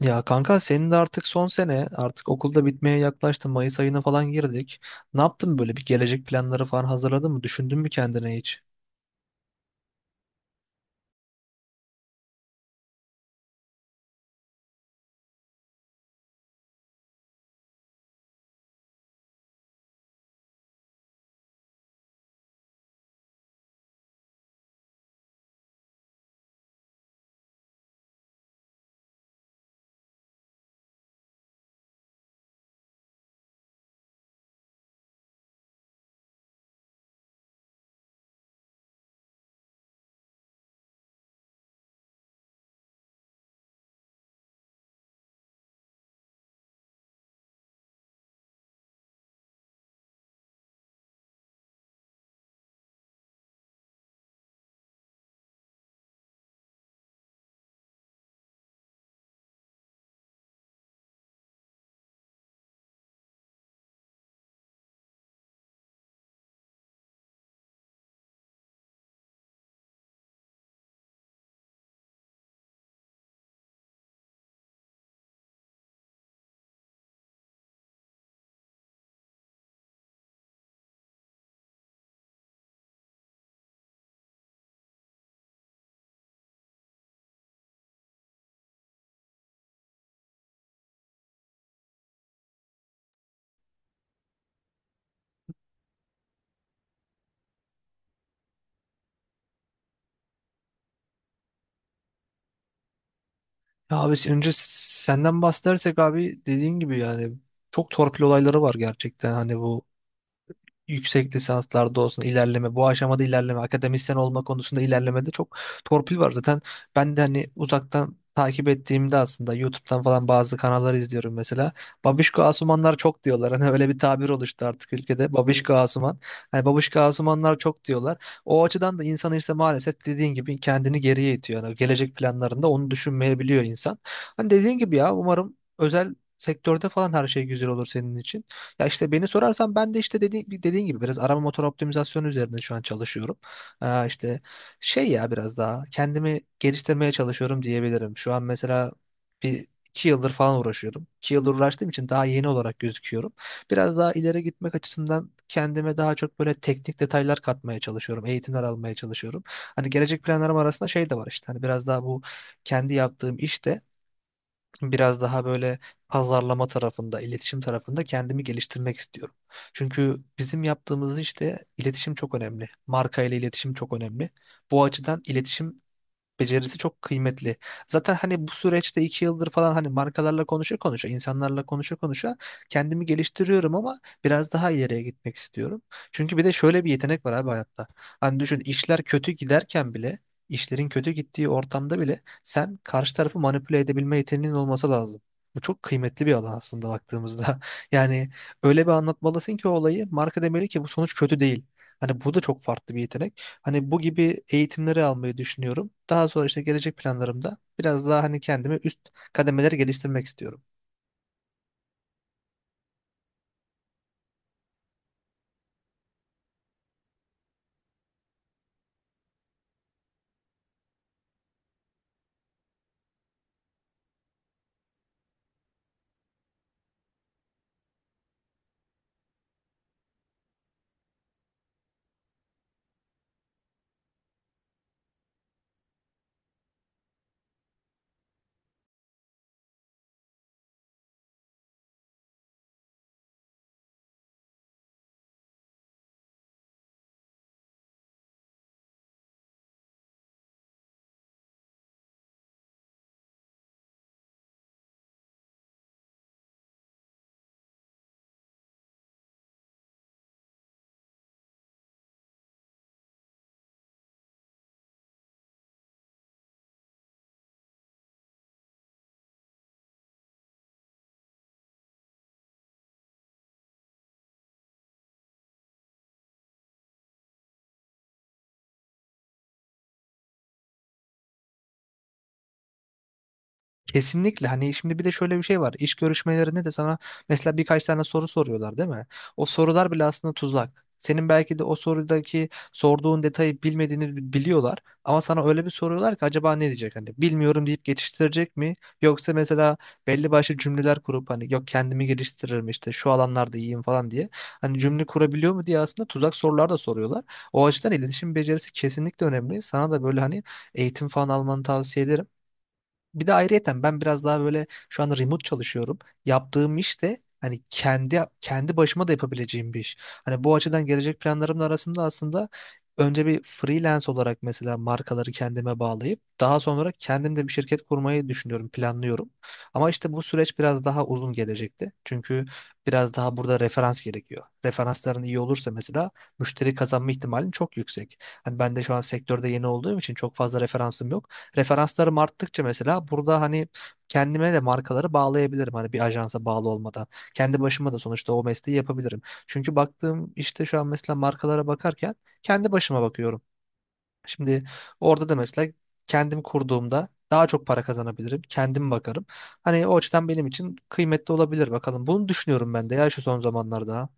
Ya kanka senin de artık son sene artık okulda bitmeye yaklaştı. Mayıs ayına falan girdik. Ne yaptın böyle bir gelecek planları falan hazırladın mı? Düşündün mü kendine hiç? Ya abi senden bahsedersek abi dediğin gibi yani çok torpil olayları var gerçekten. Hani bu yüksek lisanslarda olsun ilerleme, bu aşamada ilerleme, akademisyen olma konusunda ilerlemede çok torpil var. Zaten ben de hani uzaktan takip ettiğimde aslında YouTube'dan falan bazı kanalları izliyorum mesela. Babişko Asumanlar çok diyorlar. Hani öyle bir tabir oluştu artık ülkede. Babişko Asuman. Hani Babişko Asumanlar çok diyorlar. O açıdan da insan işte maalesef dediğin gibi kendini geriye itiyor. Yani gelecek planlarında onu düşünmeyebiliyor insan. Hani dediğin gibi ya umarım özel sektörde falan her şey güzel olur senin için. Ya işte beni sorarsan ben de işte dediğin gibi biraz arama motor optimizasyonu üzerinde şu an çalışıyorum. İşte şey ya biraz daha kendimi geliştirmeye çalışıyorum diyebilirim. Şu an mesela bir iki yıldır falan uğraşıyorum. İki yıldır uğraştığım için daha yeni olarak gözüküyorum. Biraz daha ileri gitmek açısından kendime daha çok böyle teknik detaylar katmaya çalışıyorum. Eğitimler almaya çalışıyorum. Hani gelecek planlarım arasında şey de var işte. Hani biraz daha bu kendi yaptığım işte biraz daha böyle pazarlama tarafında, iletişim tarafında kendimi geliştirmek istiyorum. Çünkü bizim yaptığımız işte iletişim çok önemli. Marka ile iletişim çok önemli. Bu açıdan iletişim becerisi çok kıymetli. Zaten hani bu süreçte iki yıldır falan hani markalarla konuşa konuşa, insanlarla konuşa konuşa kendimi geliştiriyorum ama biraz daha ileriye gitmek istiyorum. Çünkü bir de şöyle bir yetenek var abi hayatta. Hani düşün işler kötü giderken bile, işlerin kötü gittiği ortamda bile sen karşı tarafı manipüle edebilme yeteneğin olması lazım. Bu çok kıymetli bir alan aslında baktığımızda. Yani öyle bir anlatmalısın ki olayı marka demeli ki bu sonuç kötü değil. Hani bu da çok farklı bir yetenek. Hani bu gibi eğitimleri almayı düşünüyorum. Daha sonra işte gelecek planlarımda biraz daha hani kendimi üst kademeleri geliştirmek istiyorum. Kesinlikle hani şimdi bir de şöyle bir şey var. İş görüşmelerinde de sana mesela birkaç tane soru soruyorlar değil mi? O sorular bile aslında tuzak. Senin belki de o sorudaki sorduğun detayı bilmediğini biliyorlar ama sana öyle bir soruyorlar ki acaba ne diyecek hani bilmiyorum deyip geçiştirecek mi yoksa mesela belli başlı cümleler kurup hani yok kendimi geliştiririm işte şu alanlarda iyiyim falan diye hani cümle kurabiliyor mu diye aslında tuzak sorular da soruyorlar. O açıdan iletişim becerisi kesinlikle önemli. Sana da böyle hani eğitim falan almanı tavsiye ederim. Bir de ayrıyeten ben biraz daha böyle şu an remote çalışıyorum. Yaptığım iş de hani kendi başıma da yapabileceğim bir iş. Hani bu açıdan gelecek planlarımın arasında aslında önce bir freelance olarak mesela markaları kendime bağlayıp daha sonra kendim de bir şirket kurmayı düşünüyorum, planlıyorum. Ama işte bu süreç biraz daha uzun gelecekti. Çünkü biraz daha burada referans gerekiyor. Referansların iyi olursa mesela müşteri kazanma ihtimalin çok yüksek. Hani ben de şu an sektörde yeni olduğum için çok fazla referansım yok. Referanslarım arttıkça mesela burada hani kendime de markaları bağlayabilirim. Hani bir ajansa bağlı olmadan. Kendi başıma da sonuçta o mesleği yapabilirim. Çünkü baktığım işte şu an mesela markalara bakarken kendi başıma bakıyorum. Şimdi orada da mesela kendim kurduğumda daha çok para kazanabilirim. Kendim bakarım. Hani o açıdan benim için kıymetli olabilir bakalım. Bunu düşünüyorum ben de ya şu son zamanlarda.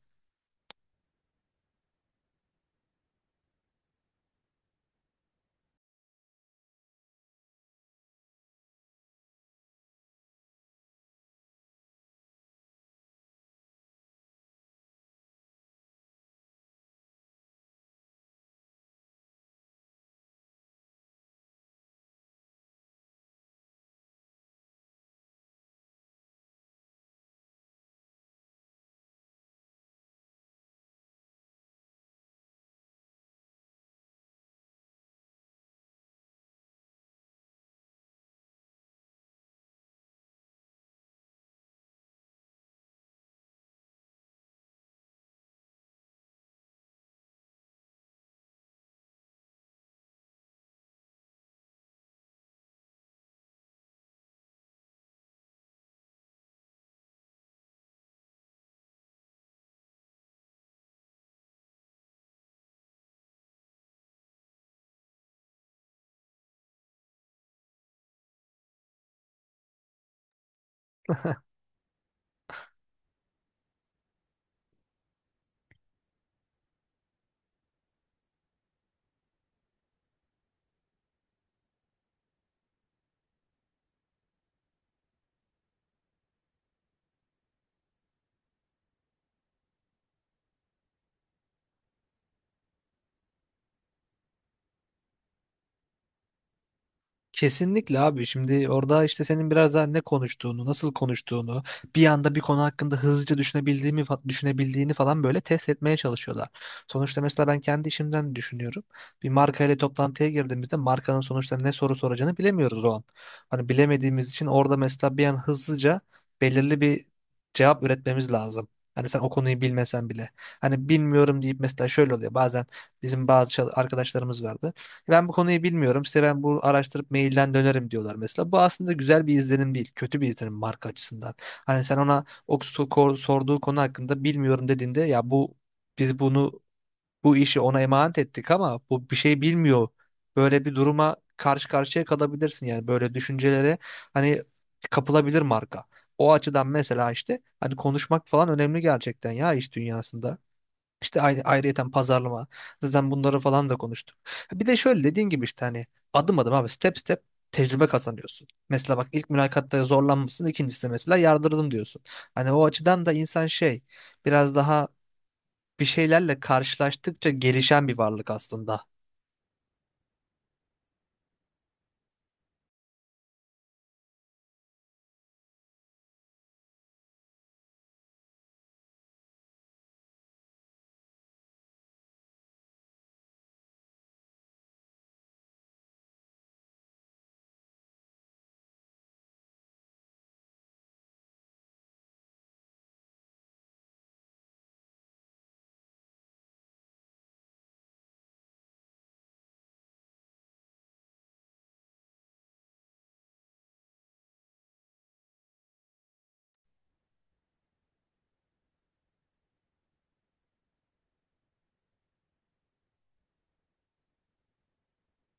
Kesinlikle abi şimdi orada işte senin biraz daha ne konuştuğunu, nasıl konuştuğunu, bir anda bir konu hakkında hızlıca düşünebildiğini falan böyle test etmeye çalışıyorlar. Sonuçta mesela ben kendi işimden düşünüyorum. Bir marka ile toplantıya girdiğimizde markanın sonuçta ne soru soracağını bilemiyoruz o an. Hani bilemediğimiz için orada mesela bir an hızlıca belirli bir cevap üretmemiz lazım. Hani sen o konuyu bilmesen bile. Hani bilmiyorum deyip mesela şöyle oluyor. Bazen bizim bazı arkadaşlarımız vardı. Ben bu konuyu bilmiyorum. Size ben bu araştırıp mailden dönerim diyorlar mesela. Bu aslında güzel bir izlenim değil. Kötü bir izlenim marka açısından. Hani sen ona o sorduğu konu hakkında bilmiyorum dediğinde ya bu biz bunu bu işi ona emanet ettik ama bu bir şey bilmiyor. Böyle bir duruma karşı karşıya kalabilirsin yani böyle düşüncelere hani kapılabilir marka. O açıdan mesela işte hani konuşmak falan önemli gerçekten ya iş dünyasında. İşte ayrıyeten pazarlama. Zaten bunları falan da konuştuk. Bir de şöyle dediğin gibi işte hani adım adım abi step step tecrübe kazanıyorsun. Mesela bak ilk mülakatta zorlanmışsın, ikincisinde mesela yardırdım diyorsun. Hani o açıdan da insan şey biraz daha bir şeylerle karşılaştıkça gelişen bir varlık aslında.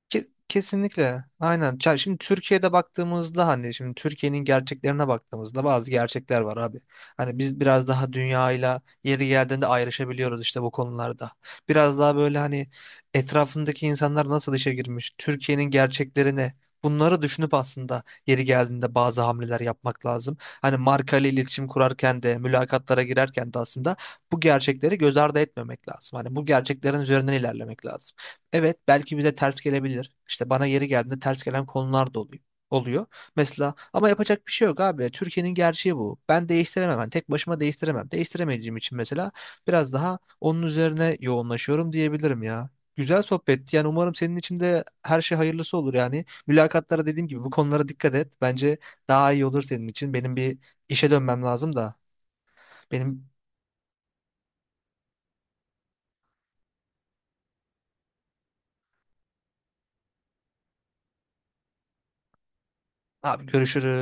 Kesinlikle. Aynen. Ya şimdi Türkiye'de baktığımızda hani şimdi Türkiye'nin gerçeklerine baktığımızda bazı gerçekler var abi. Hani biz biraz daha dünyayla yeri geldiğinde ayrışabiliyoruz işte bu konularda. Biraz daha böyle hani etrafındaki insanlar nasıl işe girmiş, Türkiye'nin gerçeklerine bunları düşünüp aslında yeri geldiğinde bazı hamleler yapmak lazım. Hani marka ile iletişim kurarken de, mülakatlara girerken de aslında bu gerçekleri göz ardı etmemek lazım. Hani bu gerçeklerin üzerinden ilerlemek lazım. Evet belki bize ters gelebilir. İşte bana yeri geldiğinde ters gelen konular da oluyor. Mesela ama yapacak bir şey yok abi. Türkiye'nin gerçeği bu. Ben değiştiremem. Ben tek başıma değiştiremem. Değiştiremediğim için mesela biraz daha onun üzerine yoğunlaşıyorum diyebilirim ya. Güzel sohbetti. Yani umarım senin için de her şey hayırlısı olur yani. Mülakatlara dediğim gibi bu konulara dikkat et. Bence daha iyi olur senin için. Benim bir işe dönmem lazım da. Benim abi görüşürüz.